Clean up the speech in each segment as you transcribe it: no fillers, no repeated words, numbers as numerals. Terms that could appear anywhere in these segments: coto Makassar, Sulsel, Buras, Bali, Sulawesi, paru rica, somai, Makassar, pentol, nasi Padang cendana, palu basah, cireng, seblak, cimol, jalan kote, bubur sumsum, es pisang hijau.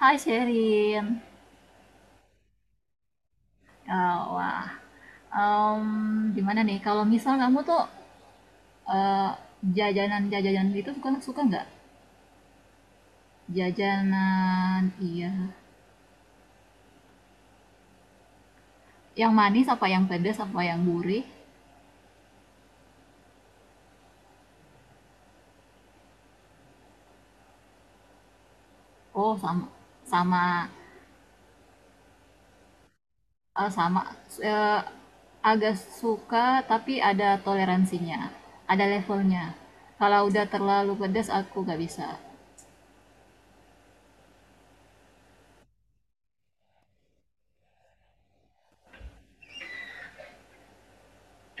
Hai Sherin, Eh, wah, em, gimana nih kalau misal kamu tuh eh, jajanan-jajanan itu suka suka nggak? Jajanan, iya, yang manis apa yang pedas apa yang gurih? Oh sama sama sama eh, agak suka, tapi ada toleransinya, ada levelnya. Kalau udah terlalu pedas aku nggak bisa.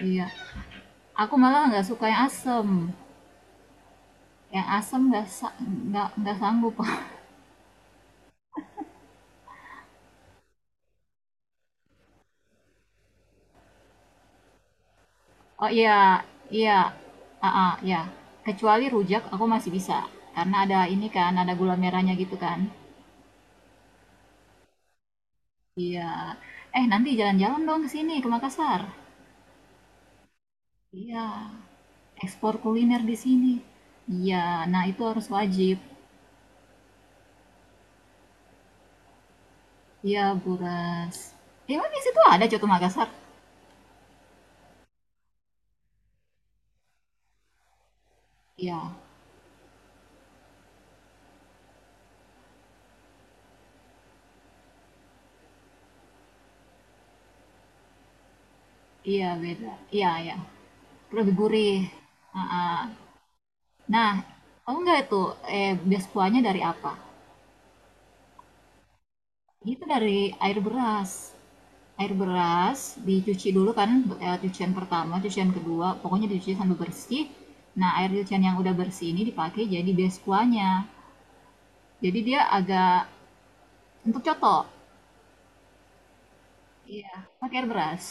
Iya, aku malah nggak suka yang asem nggak sa- nggak sanggup. Oh, iya, iya, ah, ah, iya. Kecuali rujak aku masih bisa, karena ada ini kan, ada gula merahnya gitu kan. Iya. Nanti jalan-jalan dong ke sini, ke Makassar. Iya, ekspor kuliner di sini. Iya, nah itu harus wajib. Iya, Buras. Emang di situ ada coto Makassar? Iya, iya beda. Iya, iya. Lebih gurih. Heeh. Nah, oh enggak itu, bias kuahnya dari apa? Itu dari air beras. Air beras dicuci dulu kan, cucian pertama, cucian kedua, pokoknya dicuci sampai bersih. Nah, air cucian yang udah bersih ini dipakai jadi beskuanya. Jadi dia agak untuk coto. Iya, pakai air beras.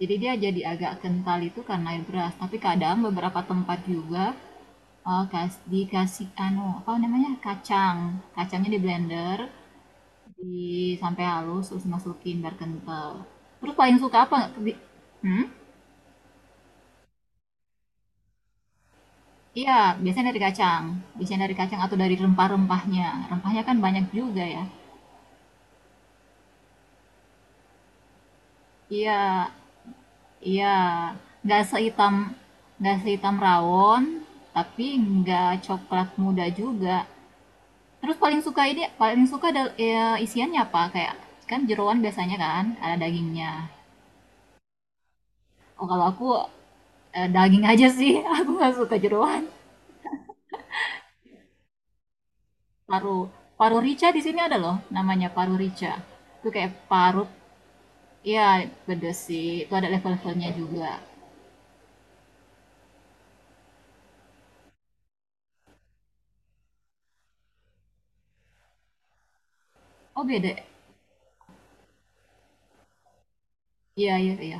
Jadi dia jadi agak kental itu karena air beras, tapi kadang beberapa tempat juga, eee, kas dikasih anu, apa namanya, kacang. Kacangnya di-blender di sampai halus, terus masukin biar kental. Terus paling suka apa? Nggak? Hmm? Iya, biasanya dari kacang. Biasanya dari kacang atau dari rempah-rempahnya. Rempahnya kan banyak juga ya. Iya, iya. Nggak sehitam, nggak sehitam rawon, tapi nggak coklat muda juga. Terus paling suka ini, paling suka ada ya, isiannya apa? Kayak kan jeroan biasanya kan ada dagingnya. Oh, kalau aku daging aja sih, aku nggak suka jeroan. Paru paru rica di sini ada loh, namanya paru rica. Itu kayak paru ya beda sih. Itu ada level-levelnya juga. Oh, beda. Iya, iya, iya.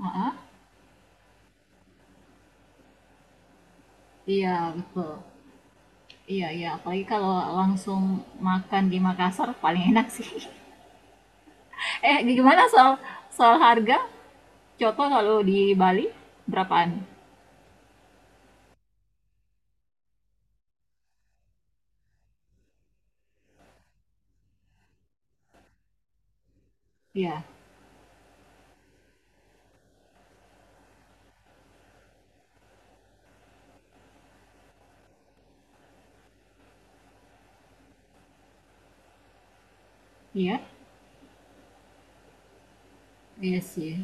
Heeh. Iya, betul. Iya, iya, apalagi kalau langsung makan di Makassar paling enak sih. Gimana soal soal harga? Contoh kalau di Bali berapaan? Iya. Iya. Iya sih.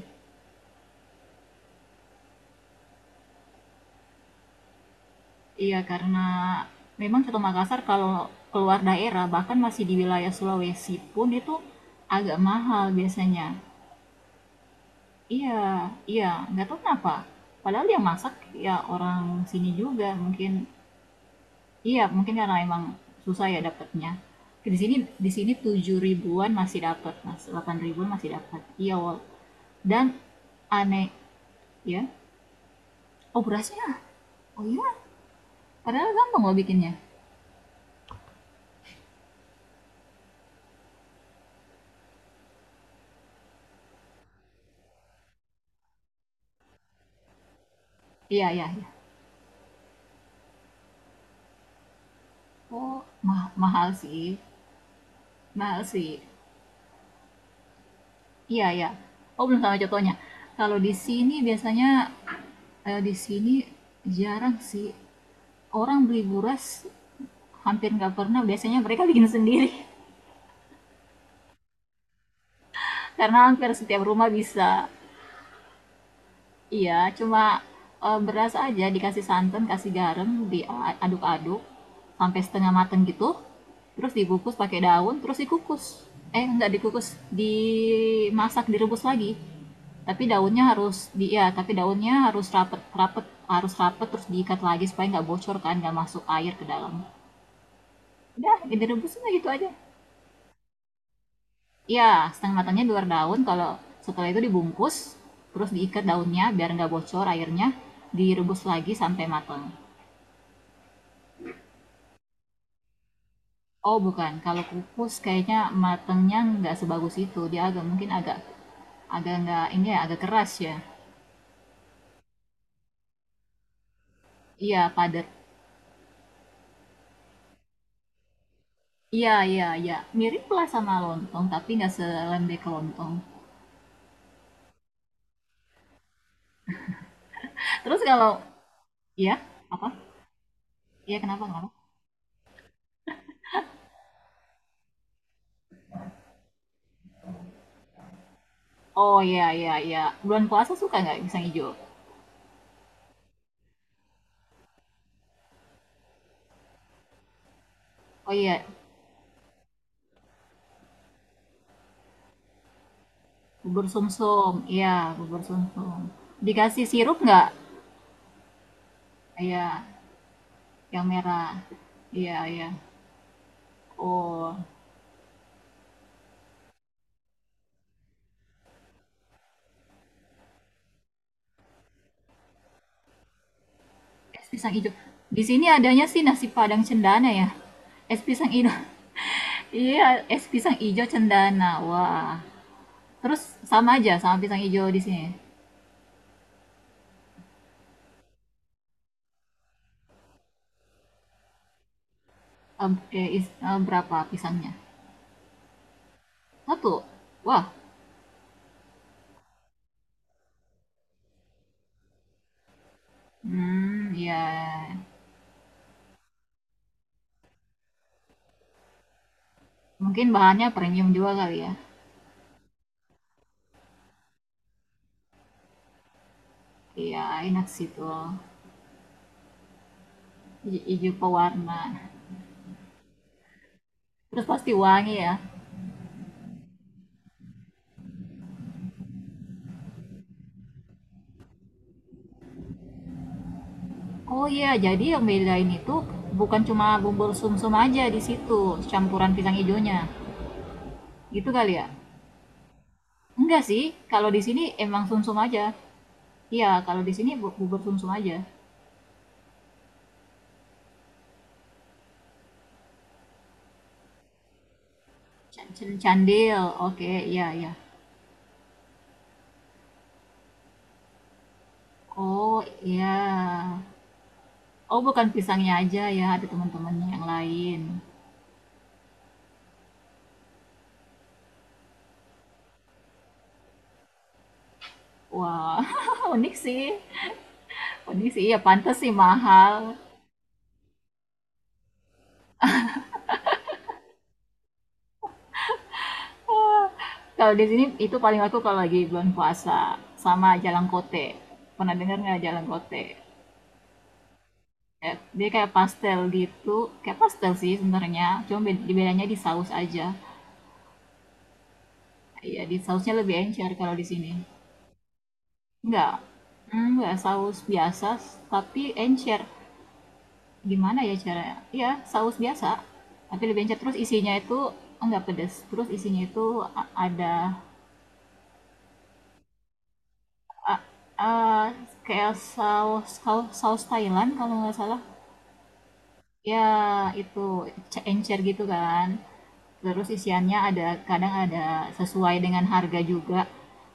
Iya, karena memang Soto Makassar kalau keluar daerah, bahkan masih di wilayah Sulawesi pun itu agak mahal biasanya. Iya, iya, nggak tahu kenapa. Padahal yang masak ya orang sini juga mungkin. Iya, mungkin karena emang susah ya dapatnya. Di sini di sini 7.000-an masih dapat, Mas. 8.000-an masih dapat. Iya, Wol. Dan aneh ya. Oh, berasnya. Oh iya, padahal gampang loh bikinnya. Iya, iya, iya. Oh, mahal sih, mahal sih. Iya, iya. Oh, belum sama contohnya. Kalau di sini biasanya, di sini jarang sih orang beli buras, hampir nggak pernah, biasanya mereka bikin sendiri. Karena hampir setiap rumah bisa. Iya, cuma, beras aja dikasih santan, kasih garam, diaduk aduk sampai setengah mateng gitu, terus dibungkus pakai daun, terus dikukus. Eh, nggak dikukus, dimasak, direbus lagi. Tapi daunnya harus di iya, tapi daunnya harus rapet rapet harus rapet, terus diikat lagi supaya nggak bocor kan, nggak masuk air ke dalam. Udah, direbusnya gitu aja. Iya, setengah matangnya di luar daun. Kalau setelah itu dibungkus, terus diikat daunnya biar nggak bocor airnya. Direbus lagi sampai matang. Oh bukan, kalau kukus kayaknya matangnya nggak sebagus itu. Dia agak mungkin agak agak nggak ini ya, agak keras ya. Iya padat. Iya, iya, iya, mirip lah sama lontong, tapi nggak selembek lontong. Terus kalau iya apa? Iya, kenapa, kenapa? Oh iya, iya, iya, bulan puasa suka nggak pisang hijau? Oh iya. Bubur sumsum, iya bubur sumsum. Dikasih sirup nggak? Iya, yang merah. Iya, iya. Oh, es pisang hijau. Di sini adanya sih nasi Padang cendana ya. Es pisang hijau, iya, es pisang hijau cendana. Wah. Terus sama aja sama pisang hijau di sini. Em, berapa pisangnya? Satu. Wah. Hmm, iya. Mungkin bahannya premium juga kali ya. Iya, enak sih tuh. Hijau pewarna. Terus pasti wangi ya. Oh iya, jadi yang bedain itu bukan cuma bubur sumsum aja di situ, campuran pisang hijaunya. Gitu kali ya? Enggak sih, kalau di sini emang sumsum aja. Iya, kalau di sini bubur sumsum aja. Candil, oke, iya iya. Oh iya. Oh bukan pisangnya aja ya, ada teman-temannya yang lain. Wah, unik sih. Unik sih, ya pantas sih mahal. Kalau di sini itu paling aku kalau lagi bulan puasa sama jalan kote. Pernah dengar nggak jalan kote? Kayak dia kayak pastel gitu, kayak pastel sih sebenarnya. Cuma bedanya di saus aja. Iya, di sausnya lebih encer kalau di sini. Enggak, enggak saus biasa, tapi encer. Gimana ya caranya? Iya, saus biasa, tapi lebih encer. Terus isinya itu enggak pedes. Terus isinya itu ada eh, kayak saus saus saus Thailand kalau nggak salah. Ya, itu encer gitu kan. Terus isiannya ada, kadang ada sesuai dengan harga juga.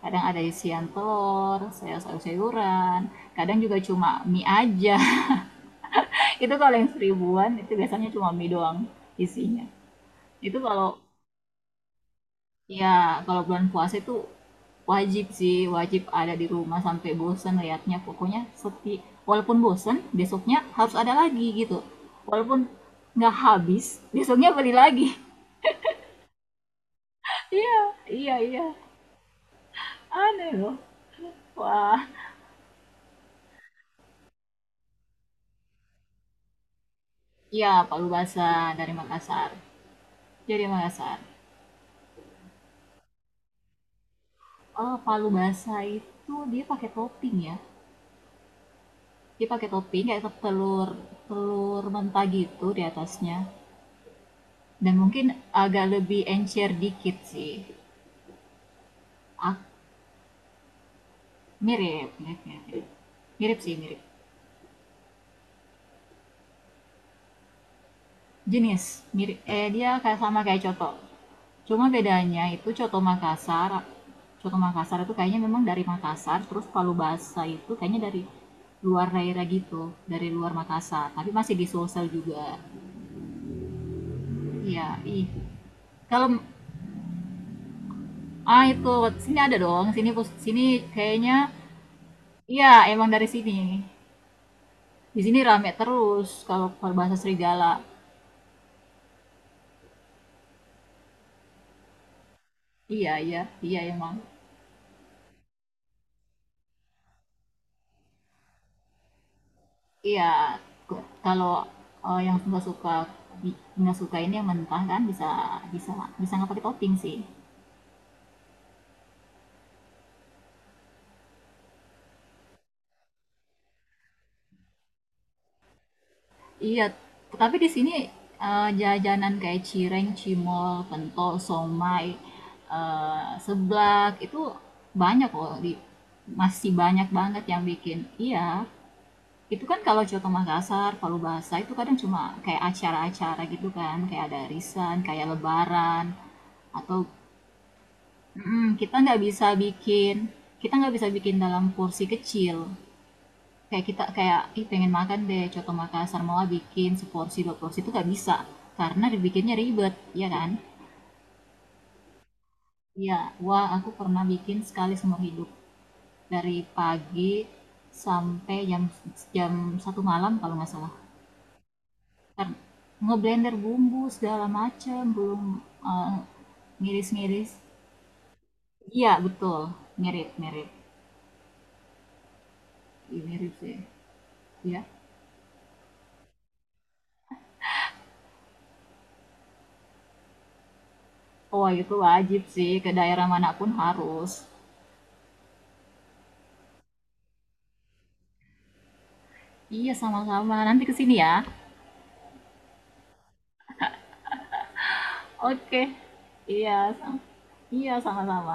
Kadang ada isian telur, sayur-sayuran, kadang juga cuma mie aja. Itu kalau yang 1.000-an itu biasanya cuma mie doang isinya. Itu kalau ya kalau bulan puasa itu wajib sih, wajib ada di rumah sampai bosan liatnya. Pokoknya sepi. Walaupun bosan, besoknya harus ada lagi gitu. Walaupun nggak habis, besoknya beli lagi. Iya, iya, iya. Aneh loh. Wah. Iya, palu basah dari Makassar. Jadi Makassar. Oh, palu basah itu dia pakai topping ya. Dia pakai topping kayak telur telur mentah gitu di atasnya. Dan mungkin agak lebih encer dikit sih. Ah, mirip, mirip, mirip, mirip sih, mirip. Jenis, mirip. Eh, dia kayak sama kayak coto. Cuma bedanya itu coto Makassar, itu kayaknya memang dari Makassar, terus palu Basa itu kayaknya dari luar daerah gitu, dari luar Makassar. Tapi masih di Sulsel juga. Iya, ih. Kalau ah itu sini ada dong, sini sini kayaknya iya emang dari sini. Di sini rame terus kalau berbahasa serigala. Iya, iya, iya emang. Iya, kalau yang nggak suka ini yang mentah kan bisa bisa bisa nggak pakai topping sih. Iya, tapi di sini jajanan kayak cireng, cimol, pentol, somai, seblak itu banyak loh di masih banyak banget yang bikin. Iya. Itu kan kalau Jawa ke Makassar, Palu Bahasa itu kadang cuma kayak acara-acara gitu kan, kayak ada arisan, kayak lebaran, atau mhm, kita nggak bisa bikin kita nggak bisa bikin dalam porsi kecil. Kayak kita kayak, ih pengen makan deh coto Makassar, mau ah bikin seporsi dua porsi itu nggak bisa, karena dibikinnya ribet, ya kan? Iya, wah aku pernah bikin sekali seumur hidup, dari pagi sampai jam jam 1 malam kalau nggak salah. Ntar ngeblender bumbu segala macem, belum, eh, miris-miris. Ngiris, iya betul, mirip-mirip, mirip sih. Ya. Oh itu wajib sih, ke daerah mana pun harus. Iya sama-sama, nanti ke sini ya. Oke. Iya, sam iya sama-sama.